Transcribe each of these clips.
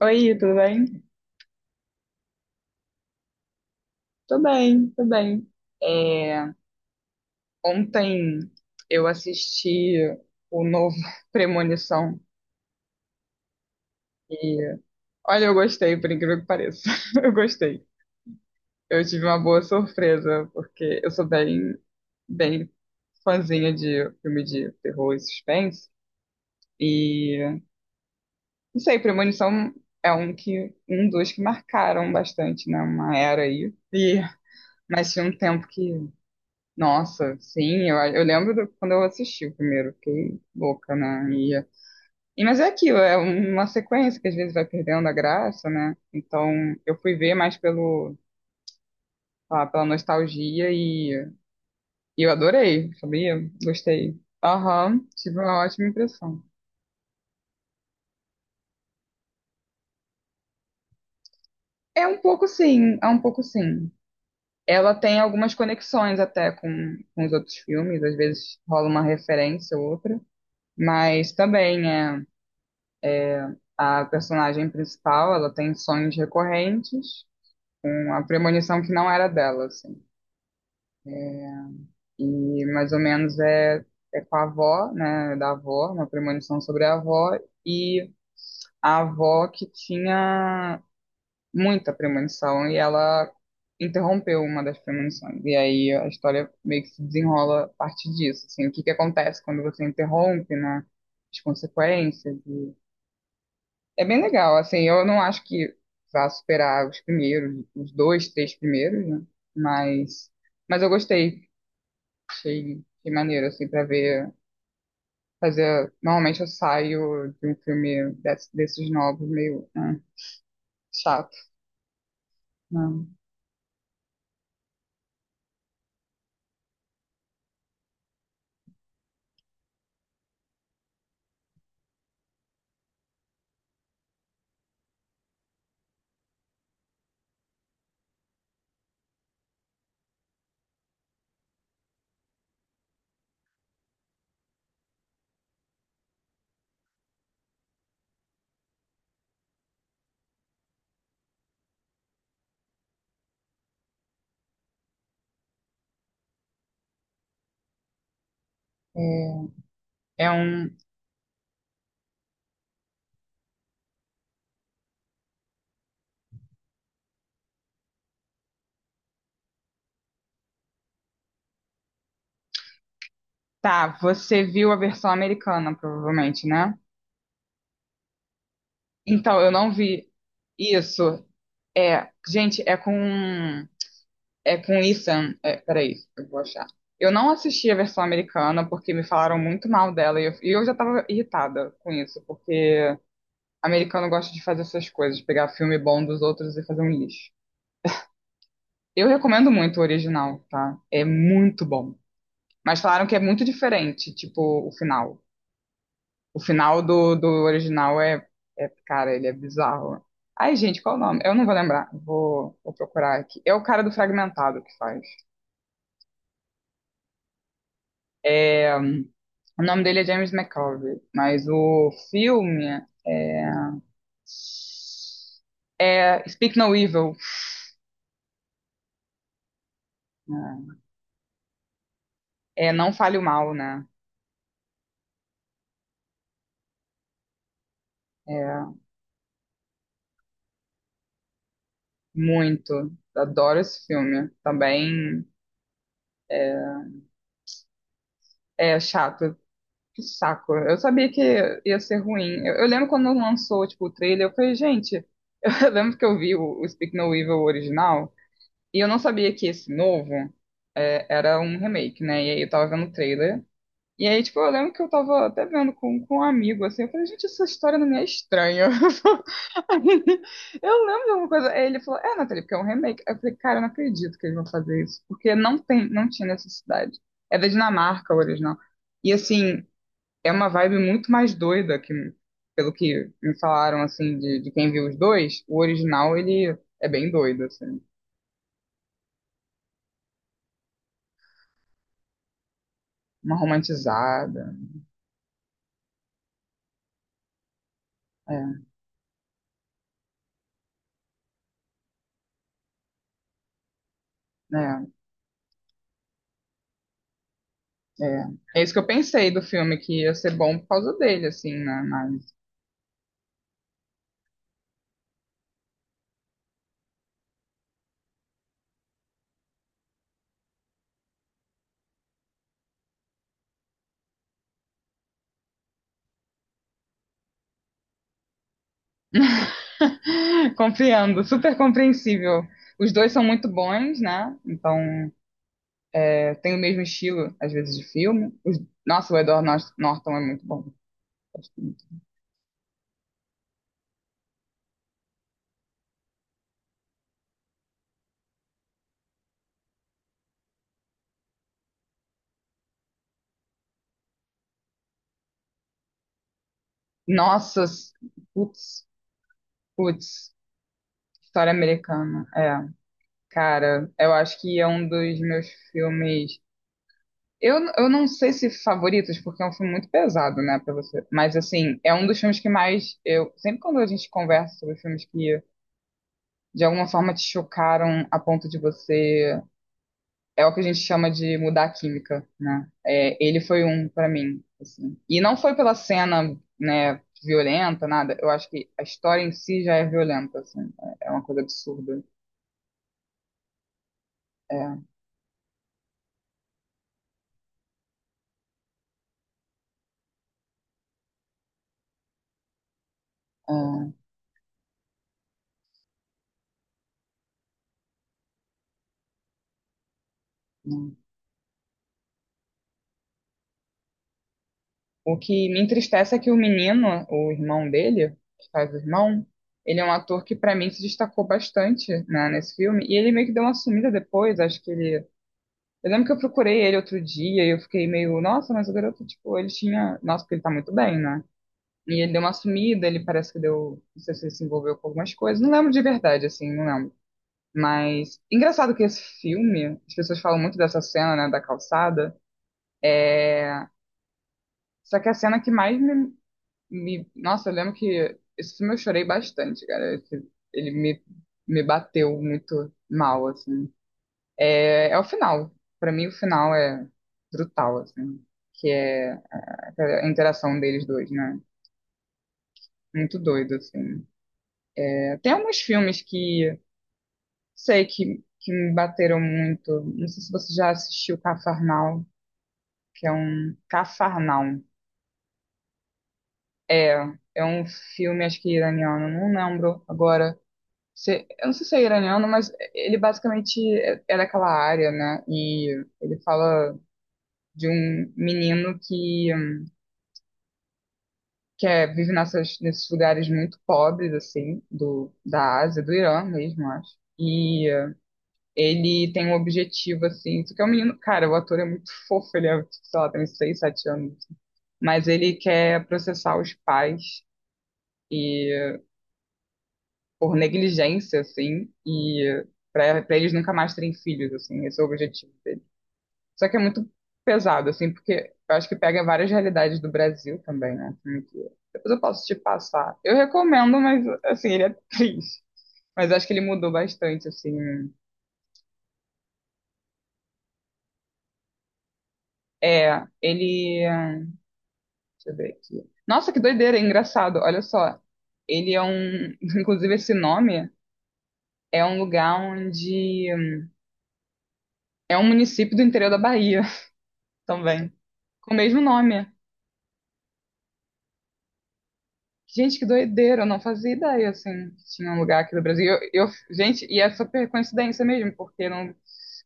Oi, tudo bem? Tô bem, tô bem. É, ontem eu assisti o novo Premonição e olha, eu gostei, por incrível que pareça. Eu gostei. Eu tive uma boa surpresa, porque eu sou bem, bem fãzinha de filme de terror e suspense. E não sei, Premonição é um que um dos que marcaram bastante, né? Uma era aí. E mas tinha um tempo que. Nossa, sim, eu lembro quando eu assisti o primeiro, fiquei louca, né? Mas é aquilo, é uma sequência que às vezes vai perdendo a graça, né? Então eu fui ver mais pela nostalgia e eu adorei, sabia? Gostei. Aham, tive uma ótima impressão. É um pouco sim, é um pouco sim. Ela tem algumas conexões até com os outros filmes, às vezes rola uma referência ou outra, mas também é. A personagem principal, ela tem sonhos recorrentes, com a premonição que não era dela, assim. E mais ou menos é com a avó, né, da avó, uma premonição sobre a avó, e a avó que tinha muita premonição, e ela interrompeu uma das premonições. E aí a história meio que se desenrola a partir disso, assim, o que que acontece quando você interrompe, né, as consequências, É bem legal, assim, eu não acho que vá superar os primeiros, os dois, três primeiros, né? Mas, mas eu gostei, achei maneiro, assim, pra ver, fazer, normalmente eu saio de um filme desses novos meio chato, não. É, é um. Tá, você viu a versão americana, provavelmente, né? Então, eu não vi isso. É, gente, é com É com Ethan. É, é, peraí, eu vou achar. Eu não assisti a versão americana porque me falaram muito mal dela e eu já tava irritada com isso, porque americano gosta de fazer essas coisas, pegar filme bom dos outros e fazer um lixo. Eu recomendo muito o original, tá? É muito bom. Mas falaram que é muito diferente, tipo, o final. O final do original é, cara, ele é bizarro. Ai, gente, qual o nome? Eu não vou lembrar. Vou procurar aqui. É o cara do Fragmentado que faz. É, o nome dele é James McAvoy, mas o filme é, é Speak No Evil. Né? É Não Fale o Mal, né? É, muito. Adoro esse filme. Também é chato. Que saco. Eu sabia que ia ser ruim. Eu lembro quando lançou, tipo, o trailer, eu falei, gente, eu lembro que eu vi o Speak No Evil original e eu não sabia que esse novo era um remake, né? E aí eu tava vendo o trailer. E aí, tipo, eu lembro que eu tava até vendo com um amigo, assim, eu falei, gente, essa história não me é estranha. Eu lembro de alguma coisa. Aí ele falou, é, Nathalie, porque é um remake. Eu falei, cara, eu não acredito que eles vão fazer isso, porque não tem, não tinha necessidade. É da Dinamarca o original. E assim, é uma vibe muito mais doida que, pelo que me falaram, assim, de quem viu os dois, o original, ele é bem doido, assim. Uma romantizada. É, né? É, é isso que eu pensei do filme, que ia ser bom por causa dele, assim, né? Mas compreendo, super compreensível. Os dois são muito bons, né? Então, é, tem o mesmo estilo, às vezes, de filme. Nossa, o Edward Norton é muito bom. Gosto muito. Nossa, putz, putz, história americana. É, cara, eu acho que é um dos meus filmes. Eu não sei se favoritos, porque é um filme muito pesado, né, pra você. Mas, assim, é um dos filmes que mais eu. Sempre quando a gente conversa sobre filmes que de alguma forma te chocaram a ponto de você. É o que a gente chama de mudar a química, né? É, ele foi um pra mim, assim. E não foi pela cena, né, violenta, nada. Eu acho que a história em si já é violenta, assim. É uma coisa absurda. É, é, né? O que me entristece é que o menino, o irmão dele, que faz o irmão, ele é um ator que pra mim se destacou bastante, né, nesse filme, e ele meio que deu uma sumida depois, acho que ele. Eu lembro que eu procurei ele outro dia e eu fiquei meio, nossa, mas o garoto, tipo, ele tinha. Nossa, porque ele tá muito bem, né? E ele deu uma sumida, ele parece que deu. Não sei se ele se envolveu com algumas coisas, não lembro de verdade, assim, não lembro. Mas, engraçado que esse filme, as pessoas falam muito dessa cena, né, da calçada, é, só que a cena que mais Nossa, eu lembro que esse filme eu chorei bastante, cara. Ele me bateu muito mal, assim. É, é o final. Pra mim, o final é brutal, assim. Que é a interação deles dois, né? Muito doido, assim. É, tem alguns filmes que sei que me bateram muito. Não sei se você já assistiu Cafarnaum, que é um. Cafarnaum. É, é um filme, acho que iraniano, não lembro agora eu não sei se é iraniano, mas ele basicamente é daquela área, né? E ele fala de um menino que vive nessas, nesses lugares muito pobres, assim, do, da Ásia, do Irã mesmo, acho. E ele tem um objetivo, assim, só que é um menino, cara, o ator é muito fofo, ele é, tipo, sei lá, tem uns 6, 7 anos. Assim. Mas ele quer processar os pais e por negligência, assim, e para eles nunca mais terem filhos, assim, esse é o objetivo. Só que é muito pesado, assim, porque eu acho que pega várias realidades do Brasil também, né? Depois eu posso te passar. Eu recomendo, mas, assim, ele é triste. Mas eu acho que ele mudou bastante, assim. É, ele. Deixa eu ver aqui. Nossa, que doideira, é engraçado. Olha só. Ele é um. Inclusive, esse nome é um lugar onde. É um município do interior da Bahia também. Com o mesmo nome. Gente, que doideira, eu não fazia ideia, assim, que tinha um lugar aqui do Brasil. Gente, e é super coincidência mesmo, porque não,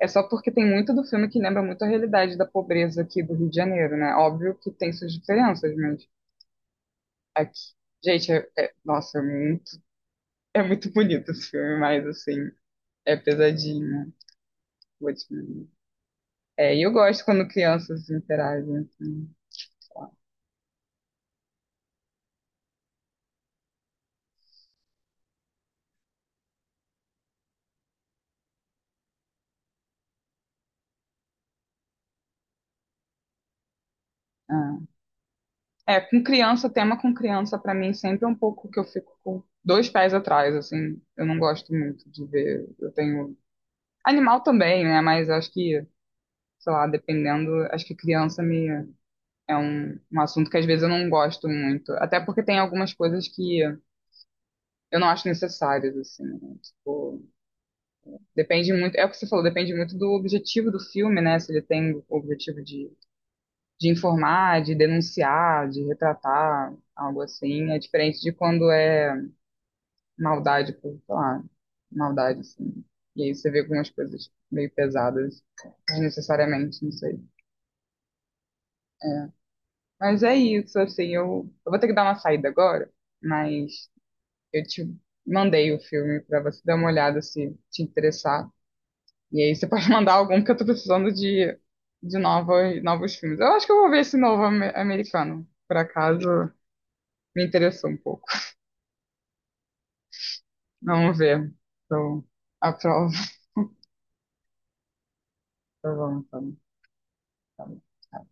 é só porque tem muito do filme que lembra muito a realidade da pobreza aqui do Rio de Janeiro, né? Óbvio que tem suas diferenças, mas aqui, gente, nossa, é muito bonito esse filme, mas, assim, é pesadinho, né? Vou te dizer. É, e eu gosto quando crianças interagem, assim, sei lá. Ah. É, com criança, tema com criança, pra mim, sempre é um pouco que eu fico com dois pés atrás, assim. Eu não gosto muito de ver. Eu tenho. Animal também, né? Mas eu acho que, sei lá, dependendo, acho que criança me é um assunto que às vezes eu não gosto muito. Até porque tem algumas coisas que eu não acho necessárias, assim, né? Tipo, depende muito. É o que você falou, depende muito do objetivo do filme, né? Se ele tem o objetivo de informar, de denunciar, de retratar, algo assim. É diferente de quando é maldade por, sei lá, maldade, assim. E aí você vê algumas coisas meio pesadas, desnecessariamente, não sei. Mas é isso, assim, eu vou ter que dar uma saída agora, mas eu te mandei o filme pra você dar uma olhada se te interessar. E aí você pode mandar algum, porque eu tô precisando de novos, novos filmes. Eu acho que eu vou ver esse novo americano, por acaso me interessou um pouco. Vamos ver. Então, aprovo. Tá bom, tá bom, tá bom.